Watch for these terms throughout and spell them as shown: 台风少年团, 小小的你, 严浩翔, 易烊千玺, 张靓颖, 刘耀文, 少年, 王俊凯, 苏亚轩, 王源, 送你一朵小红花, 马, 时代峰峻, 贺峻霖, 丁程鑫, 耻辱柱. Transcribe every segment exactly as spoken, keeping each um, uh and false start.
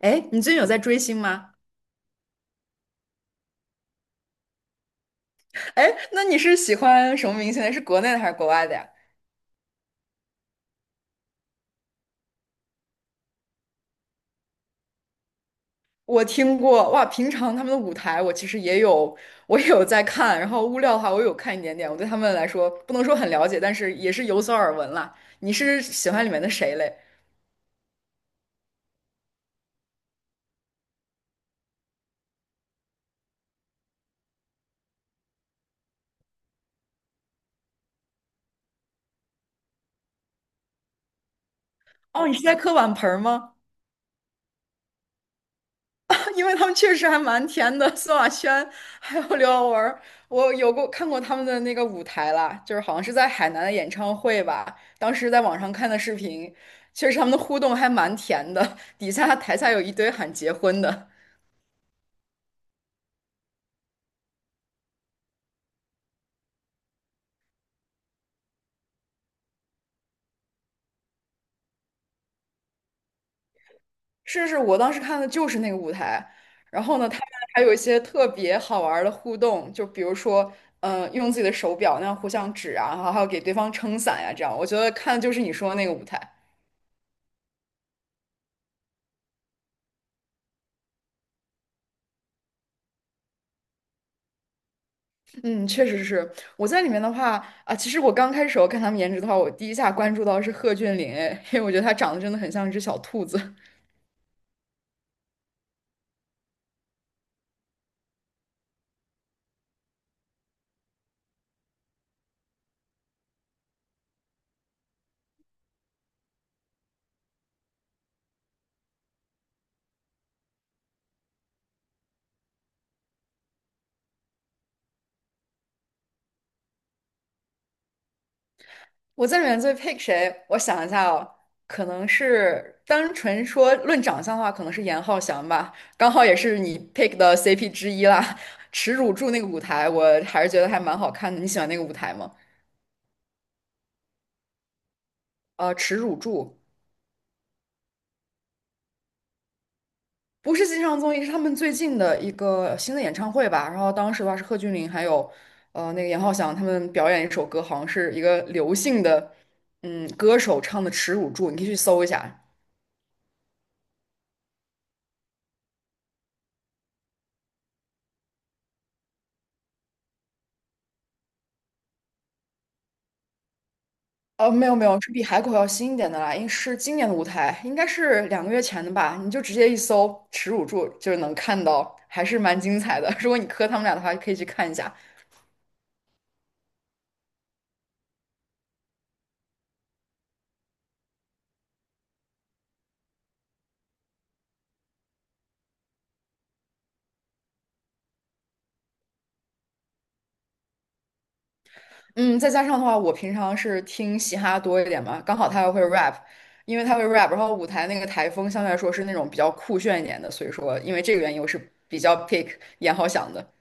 哎，你最近有在追星吗？哎，那你是喜欢什么明星的？是国内的还是国外的呀？我听过，哇，平常他们的舞台我其实也有，我也有在看，然后物料的话我有看一点点，我对他们来说不能说很了解，但是也是有所耳闻啦。你是喜欢里面的谁嘞？哦，你是在磕碗盆儿吗？因为他们确实还蛮甜的，苏亚轩还有刘耀文儿我有过看过他们的那个舞台啦，就是好像是在海南的演唱会吧，当时在网上看的视频，确实他们的互动还蛮甜的，底下台下有一堆喊结婚的，是是，我当时看的就是那个舞台，然后呢，他们还有一些特别好玩儿的互动，就比如说，嗯，用自己的手表那样互相指啊，然后还有给对方撑伞呀、这样，我觉得看的就是你说的那个舞台。嗯，确实是。我在里面的话啊，其实我刚开始我看他们颜值的话，我第一下关注到是贺峻霖，哎，因为我觉得他长得真的很像一只小兔子。我在里面最 pick 谁？我想一下哦，可能是单纯说论长相的话，可能是严浩翔吧，刚好也是你 pick 的 C P 之一啦。耻辱柱那个舞台，我还是觉得还蛮好看的。你喜欢那个舞台吗？呃，耻辱柱。不是新上综艺，是他们最近的一个新的演唱会吧。然后当时的话是贺峻霖还有呃那个严浩翔他们表演一首歌，好像是一个刘姓的嗯歌手唱的《耻辱柱》，你可以去搜一下。哦，没有没有，是比海口要新一点的啦，应是今年的舞台，应该是两个月前的吧。你就直接一搜《耻辱柱》，就是能看到，还是蛮精彩的。如果你磕他们俩的话，可以去看一下。嗯，再加上的话，我平常是听嘻哈多一点嘛，刚好他又会 rap，因为他会 rap，然后舞台那个台风相对来说是那种比较酷炫一点的，所以说因为这个原因我是比较 pick 严浩翔的。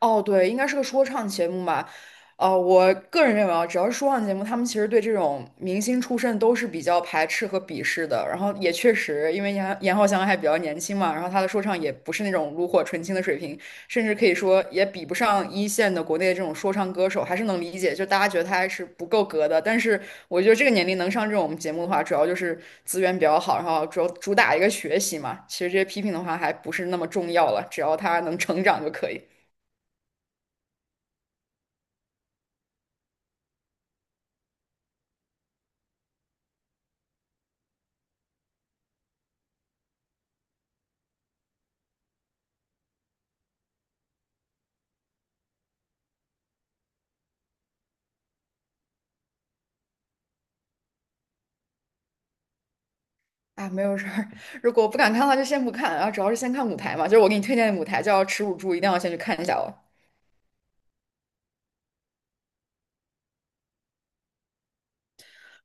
哦，对，应该是个说唱节目吧。呃，我个人认为啊，只要是说唱节目，他们其实对这种明星出身都是比较排斥和鄙视的。然后也确实，因为严严浩翔还比较年轻嘛，然后他的说唱也不是那种炉火纯青的水平，甚至可以说也比不上一线的国内的这种说唱歌手，还是能理解。就大家觉得他还是不够格的。但是我觉得这个年龄能上这种节目的话，主要就是资源比较好，然后主要主打一个学习嘛。其实这些批评的话还不是那么重要了，只要他能成长就可以。啊，没有事儿。如果不敢看的话，就先不看。然后主要是先看舞台嘛，就是我给你推荐的舞台叫《耻辱柱》，一定要先去看一下哦。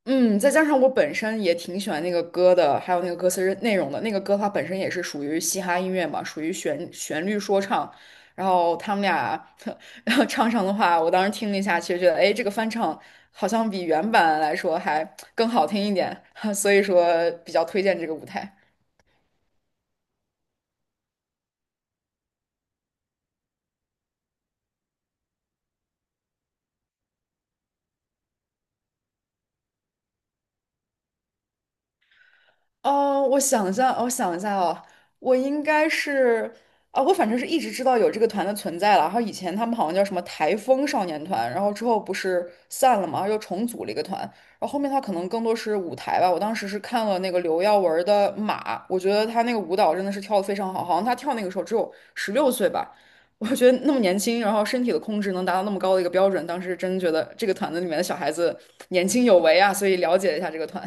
嗯，再加上我本身也挺喜欢那个歌的，还有那个歌词内容的。那个歌它本身也是属于嘻哈音乐嘛，属于旋旋律说唱。然后他们俩 然后唱上的话，我当时听了一下，其实觉得，哎，这个翻唱好像比原版来说还更好听一点，所以说比较推荐这个舞台。哦，我想一下，哦我想一下哦，我应该是啊，我反正是一直知道有这个团的存在了。然后以前他们好像叫什么台风少年团，然后之后不是散了嘛，然后又重组了一个团。然后后面他可能更多是舞台吧。我当时是看了那个刘耀文儿的《马》，我觉得他那个舞蹈真的是跳得非常好，好像他跳那个时候只有十六岁吧。我觉得那么年轻，然后身体的控制能达到那么高的一个标准，当时真觉得这个团子里面的小孩子年轻有为啊，所以了解了一下这个团。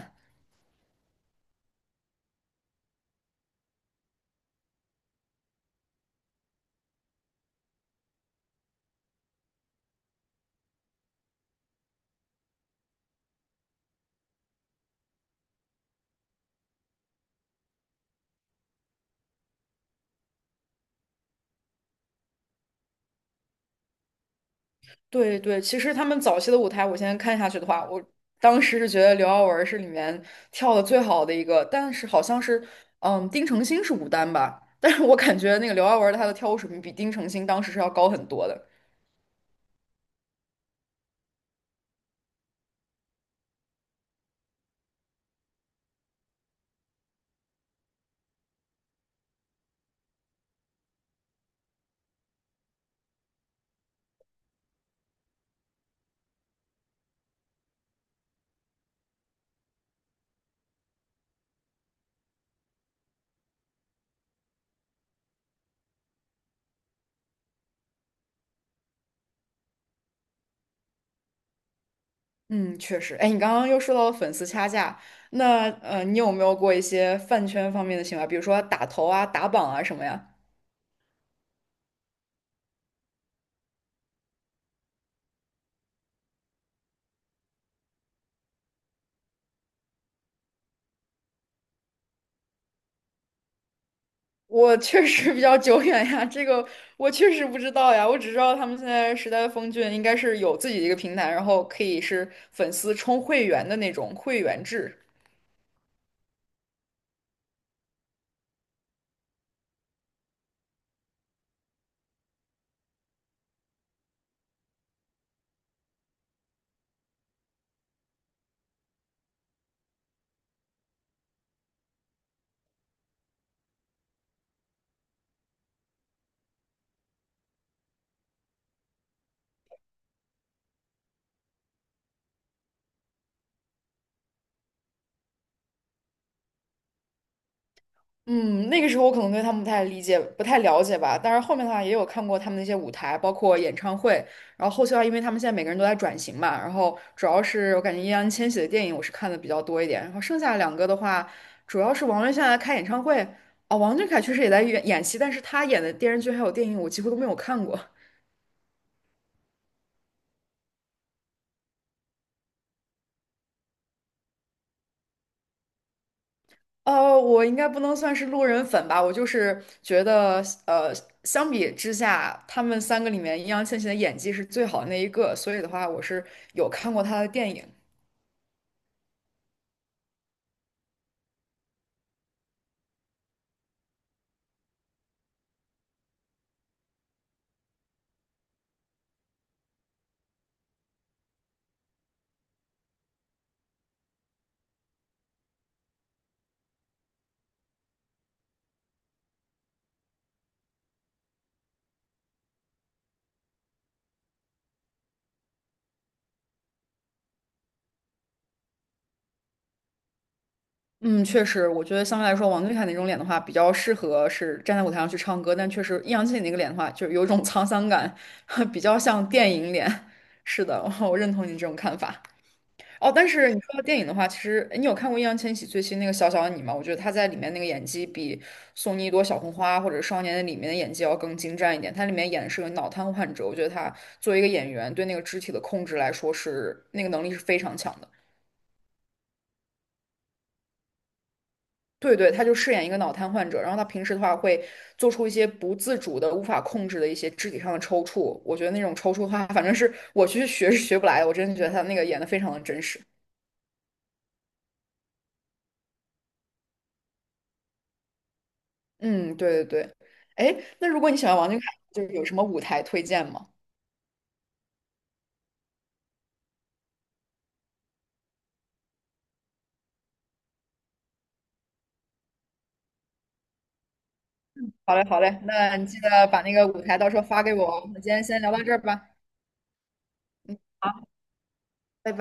对对，其实他们早期的舞台，我现在看下去的话，我当时是觉得刘耀文是里面跳的最好的一个，但是好像是，嗯，丁程鑫是舞担吧，但是我感觉那个刘耀文他的跳舞水平比丁程鑫当时是要高很多的。嗯，确实。哎，你刚刚又说到了粉丝掐架，那呃，你有没有过一些饭圈方面的行为，比如说打头啊、打榜啊什么呀？我确实比较久远呀，这个我确实不知道呀，我只知道他们现在时代峰峻应该是有自己的一个平台，然后可以是粉丝充会员的那种会员制。嗯，那个时候我可能对他们不太理解、不太了解吧，但是后面的话也有看过他们那些舞台，包括演唱会。然后后期的话，因为他们现在每个人都在转型嘛，然后主要是我感觉易烊千玺的电影我是看的比较多一点，然后剩下两个的话，主要是王源现在开演唱会啊，王俊凯确实也在演演戏，但是他演的电视剧还有电影我几乎都没有看过。呃，我应该不能算是路人粉吧，我就是觉得，呃，相比之下，他们三个里面，易烊千玺的演技是最好的那一个，所以的话，我是有看过他的电影。嗯，确实，我觉得相对来说，王俊凯那种脸的话，比较适合是站在舞台上去唱歌，但确实易烊千玺那个脸的话，就是有一种 沧桑感，比较像电影脸。是的，我认同你这种看法。哦，但是你说到电影的话，其实诶你有看过易烊千玺最新那个《小小的你》吗？我觉得他在里面那个演技比《送你一朵小红花》或者《少年》的》里面的演技要更精湛一点。他里面演的是个脑瘫患者，我觉得他作为一个演员，对那个肢体的控制来说是那个能力是非常强的。对对，他就饰演一个脑瘫患者，然后他平时的话会做出一些不自主的、无法控制的一些肢体上的抽搐。我觉得那种抽搐的话，反正是我去学是学不来的。我真的觉得他那个演的非常的真实。嗯，对对对。哎，那如果你喜欢王俊凯，就是有什么舞台推荐吗？好嘞，好嘞，那你记得把那个舞台到时候发给我哦。那今天先聊到这儿吧。拜拜。